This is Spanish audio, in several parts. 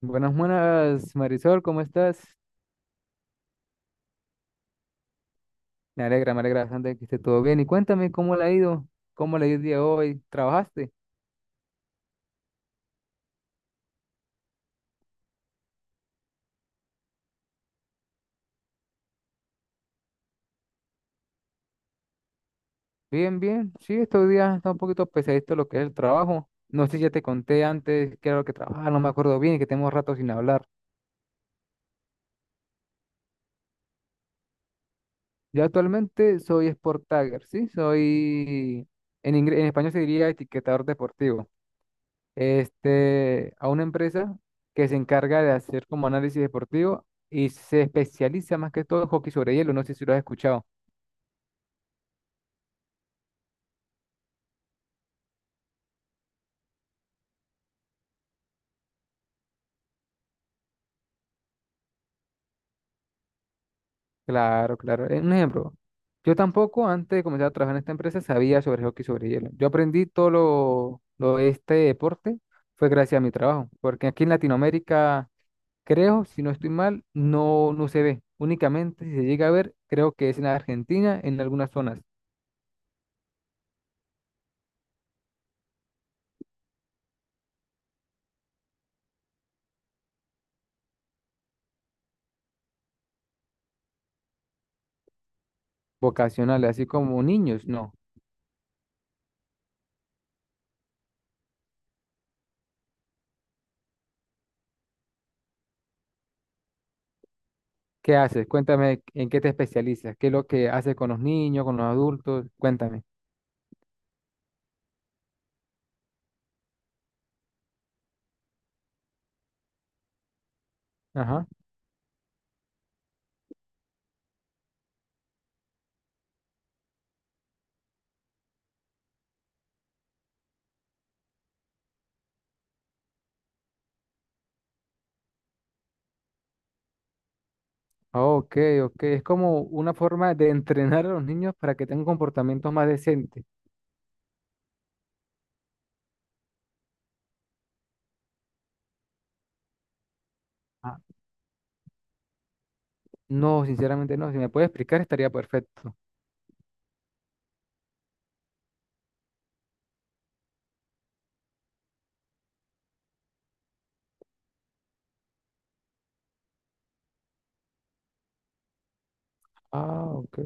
Buenas, buenas, Marisol, ¿cómo estás? Me alegra bastante que esté todo bien. Y cuéntame, ¿cómo le ha ido? ¿Cómo le ha ido el día de hoy? ¿Trabajaste? Bien, bien. Sí, estos días está un poquito pesadito lo que es el trabajo. No sé si ya te conté antes qué era lo que trabajaba, no me acuerdo bien y que tenemos rato sin hablar. Yo actualmente soy Sport Tagger, ¿sí? Soy, en español se diría etiquetador deportivo. Este, a una empresa que se encarga de hacer como análisis deportivo y se especializa más que todo en hockey sobre hielo. ¿No sé si lo has escuchado? Claro, claro. Un ejemplo. Yo tampoco, antes de comenzar a trabajar en esta empresa, sabía sobre hockey sobre hielo. Yo aprendí todo lo de este deporte fue gracias a mi trabajo, porque aquí en Latinoamérica, creo, si no estoy mal, no, no se ve. Únicamente si se llega a ver, creo que es en Argentina, en algunas zonas vocacionales, así como niños, no. ¿Qué haces? Cuéntame en qué te especializas, qué es lo que haces con los niños, con los adultos, cuéntame. Ajá. Ah, ok, ok. Es como una forma de entrenar a los niños para que tengan comportamientos más decentes. Ah, no, sinceramente no. Si me puedes explicar, estaría perfecto. Ah, ok.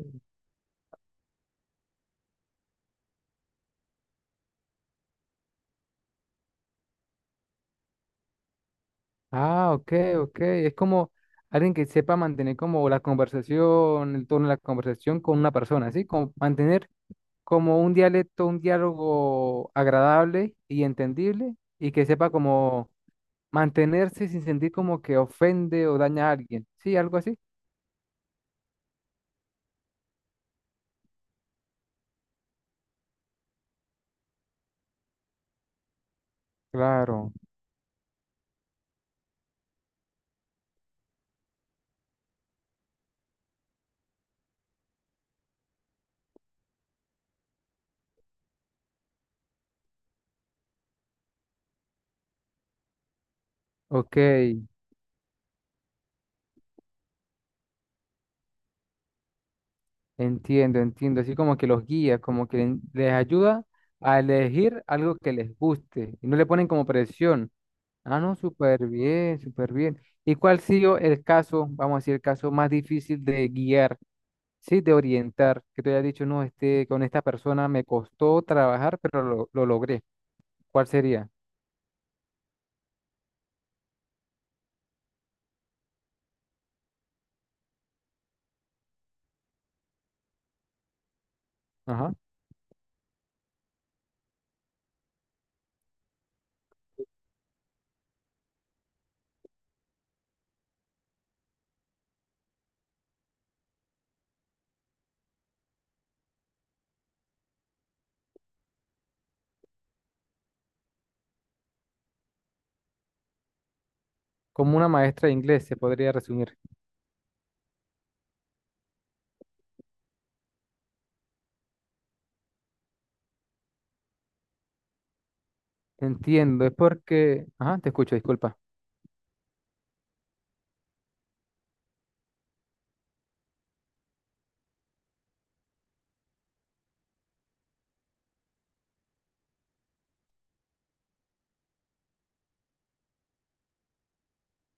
Ah, ok, ok. Es como alguien que sepa mantener como la conversación, el tono de la conversación con una persona, ¿sí? Como mantener como un dialecto, un diálogo agradable y entendible y que sepa como mantenerse sin sentir como que ofende o daña a alguien. Sí, algo así. Claro. Ok, entiendo, entiendo. Así como que los guía, como que les ayuda a elegir algo que les guste y no le ponen como presión. Ah, no, súper bien, súper bien. ¿Y cuál ha sido el caso, vamos a decir, el caso más difícil de guiar, sí, de orientar? Que te haya dicho, no, este, con esta persona me costó trabajar, pero lo logré. ¿Cuál sería? Ajá. Como una maestra de inglés, se podría resumir. Entiendo, es porque, ajá, te escucho, disculpa.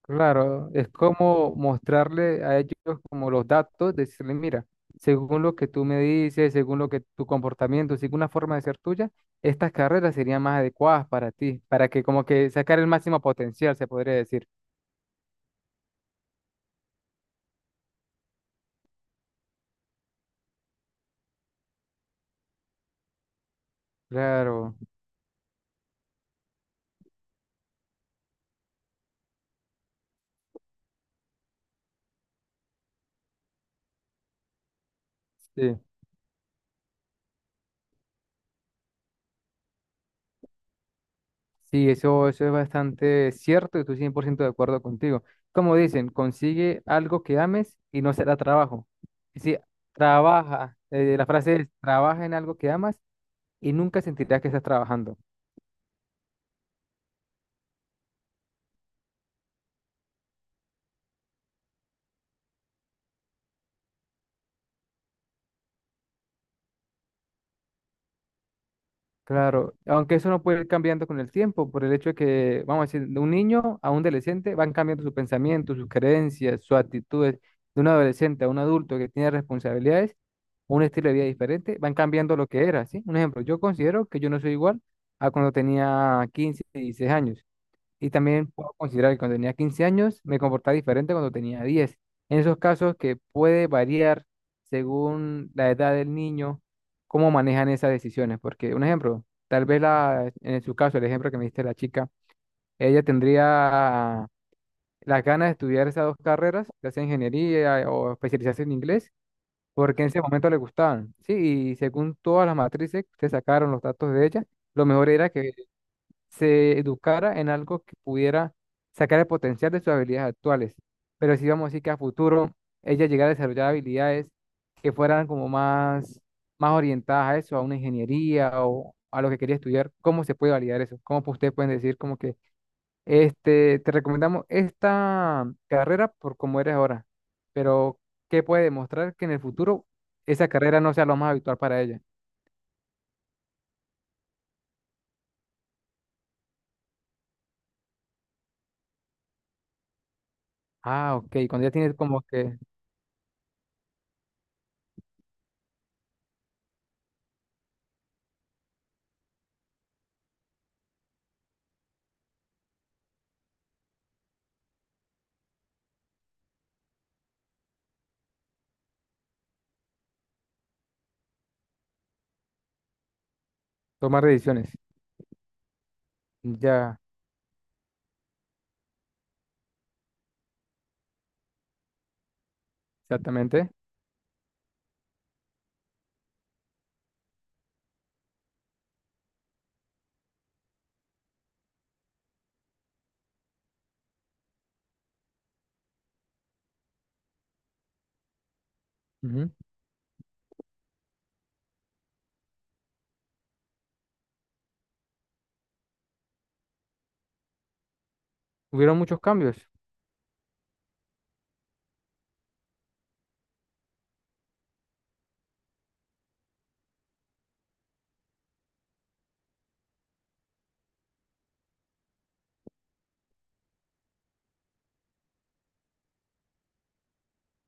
Claro, es como mostrarle a ellos como los datos, decirle, mira, según lo que tú me dices, según lo que tu comportamiento, según una forma de ser tuya, estas carreras serían más adecuadas para ti, para que como que sacar el máximo potencial, se podría decir. Claro, sí. Sí, eso es bastante cierto y estoy 100% de acuerdo contigo. Como dicen, consigue algo que ames y no será trabajo. Y si trabaja, la frase es, trabaja en algo que amas y nunca sentirás que estás trabajando. Claro, aunque eso no puede ir cambiando con el tiempo, por el hecho de que, vamos a decir, de un niño a un adolescente van cambiando sus pensamientos, sus creencias, sus actitudes. De un adolescente a un adulto que tiene responsabilidades, un estilo de vida diferente, van cambiando lo que era, ¿sí? Un ejemplo, yo considero que yo no soy igual a cuando tenía 15, 16 años. Y también puedo considerar que cuando tenía 15 años me comportaba diferente cuando tenía 10. En esos casos que puede variar según la edad del niño, cómo manejan esas decisiones. Porque un ejemplo, tal vez la, en su caso, el ejemplo que me diste la chica, ella tendría las ganas de estudiar esas dos carreras, ya sea ingeniería o especializarse en inglés, porque en ese momento le gustaban. Sí, y según todas las matrices que sacaron los datos de ella, lo mejor era que se educara en algo que pudiera sacar el potencial de sus habilidades actuales. Pero si vamos a decir que a futuro ella llegara a desarrollar habilidades que fueran como más, más orientadas a eso, a una ingeniería o a lo que quería estudiar, ¿cómo se puede validar eso? Ustedes pueden decir como que este, te recomendamos esta carrera por cómo eres ahora, pero ¿qué puede demostrar que en el futuro esa carrera no sea lo más habitual para ella? Ah, ok, cuando ella tienes como que tomar decisiones. Ya. Exactamente. Ujú. Hubieron muchos cambios.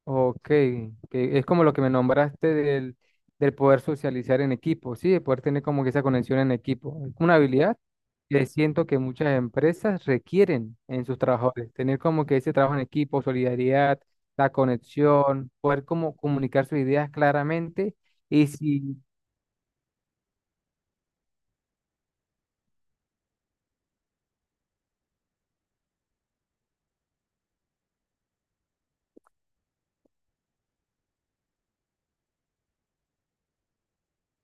Ok, que es como lo que me nombraste del, del poder socializar en equipo, ¿sí? De poder tener como que esa conexión en equipo. Es una habilidad que siento que muchas empresas requieren en sus trabajadores. Tener como que ese trabajo en equipo, solidaridad, la conexión, poder como comunicar sus ideas claramente. Y si,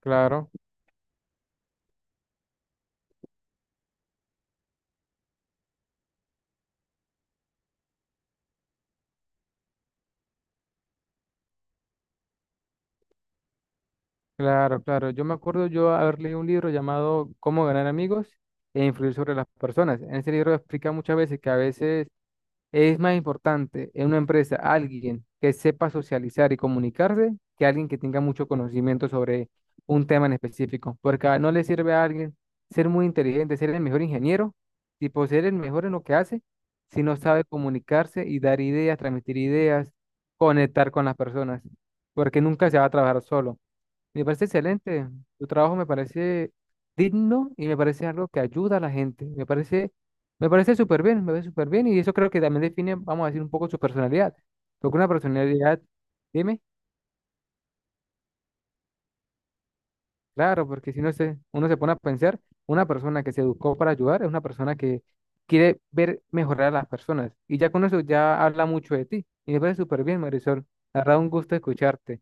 claro. Claro, claro. Yo me acuerdo yo haber leído un libro llamado Cómo ganar amigos e influir sobre las personas. En ese libro explica muchas veces que a veces es más importante en una empresa alguien que sepa socializar y comunicarse que alguien que tenga mucho conocimiento sobre un tema en específico. No le sirve a alguien ser muy inteligente, ser el mejor ingeniero, tipo ser el mejor en lo que hace, si no sabe comunicarse y dar ideas, transmitir ideas, conectar con las personas, porque nunca se va a trabajar solo. Me parece excelente. Tu trabajo me parece digno y me parece algo que ayuda a la gente. Me parece súper bien, me parece súper bien. Y eso creo que también define, vamos a decir, un poco su personalidad. Porque una personalidad, dime, claro, porque si no se, uno se pone a pensar, una persona que se educó para ayudar es una persona que quiere ver mejorar a las personas. Y ya con eso ya habla mucho de ti. Y me parece súper bien, Marisol. La verdad, un gusto escucharte.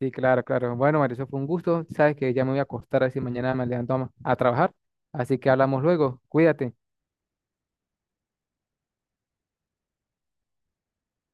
Sí, claro, claro. Bueno, Mauricio, fue un gusto. Sabes que ya me voy a acostar, así mañana me levanto a trabajar. Así que hablamos luego. Cuídate.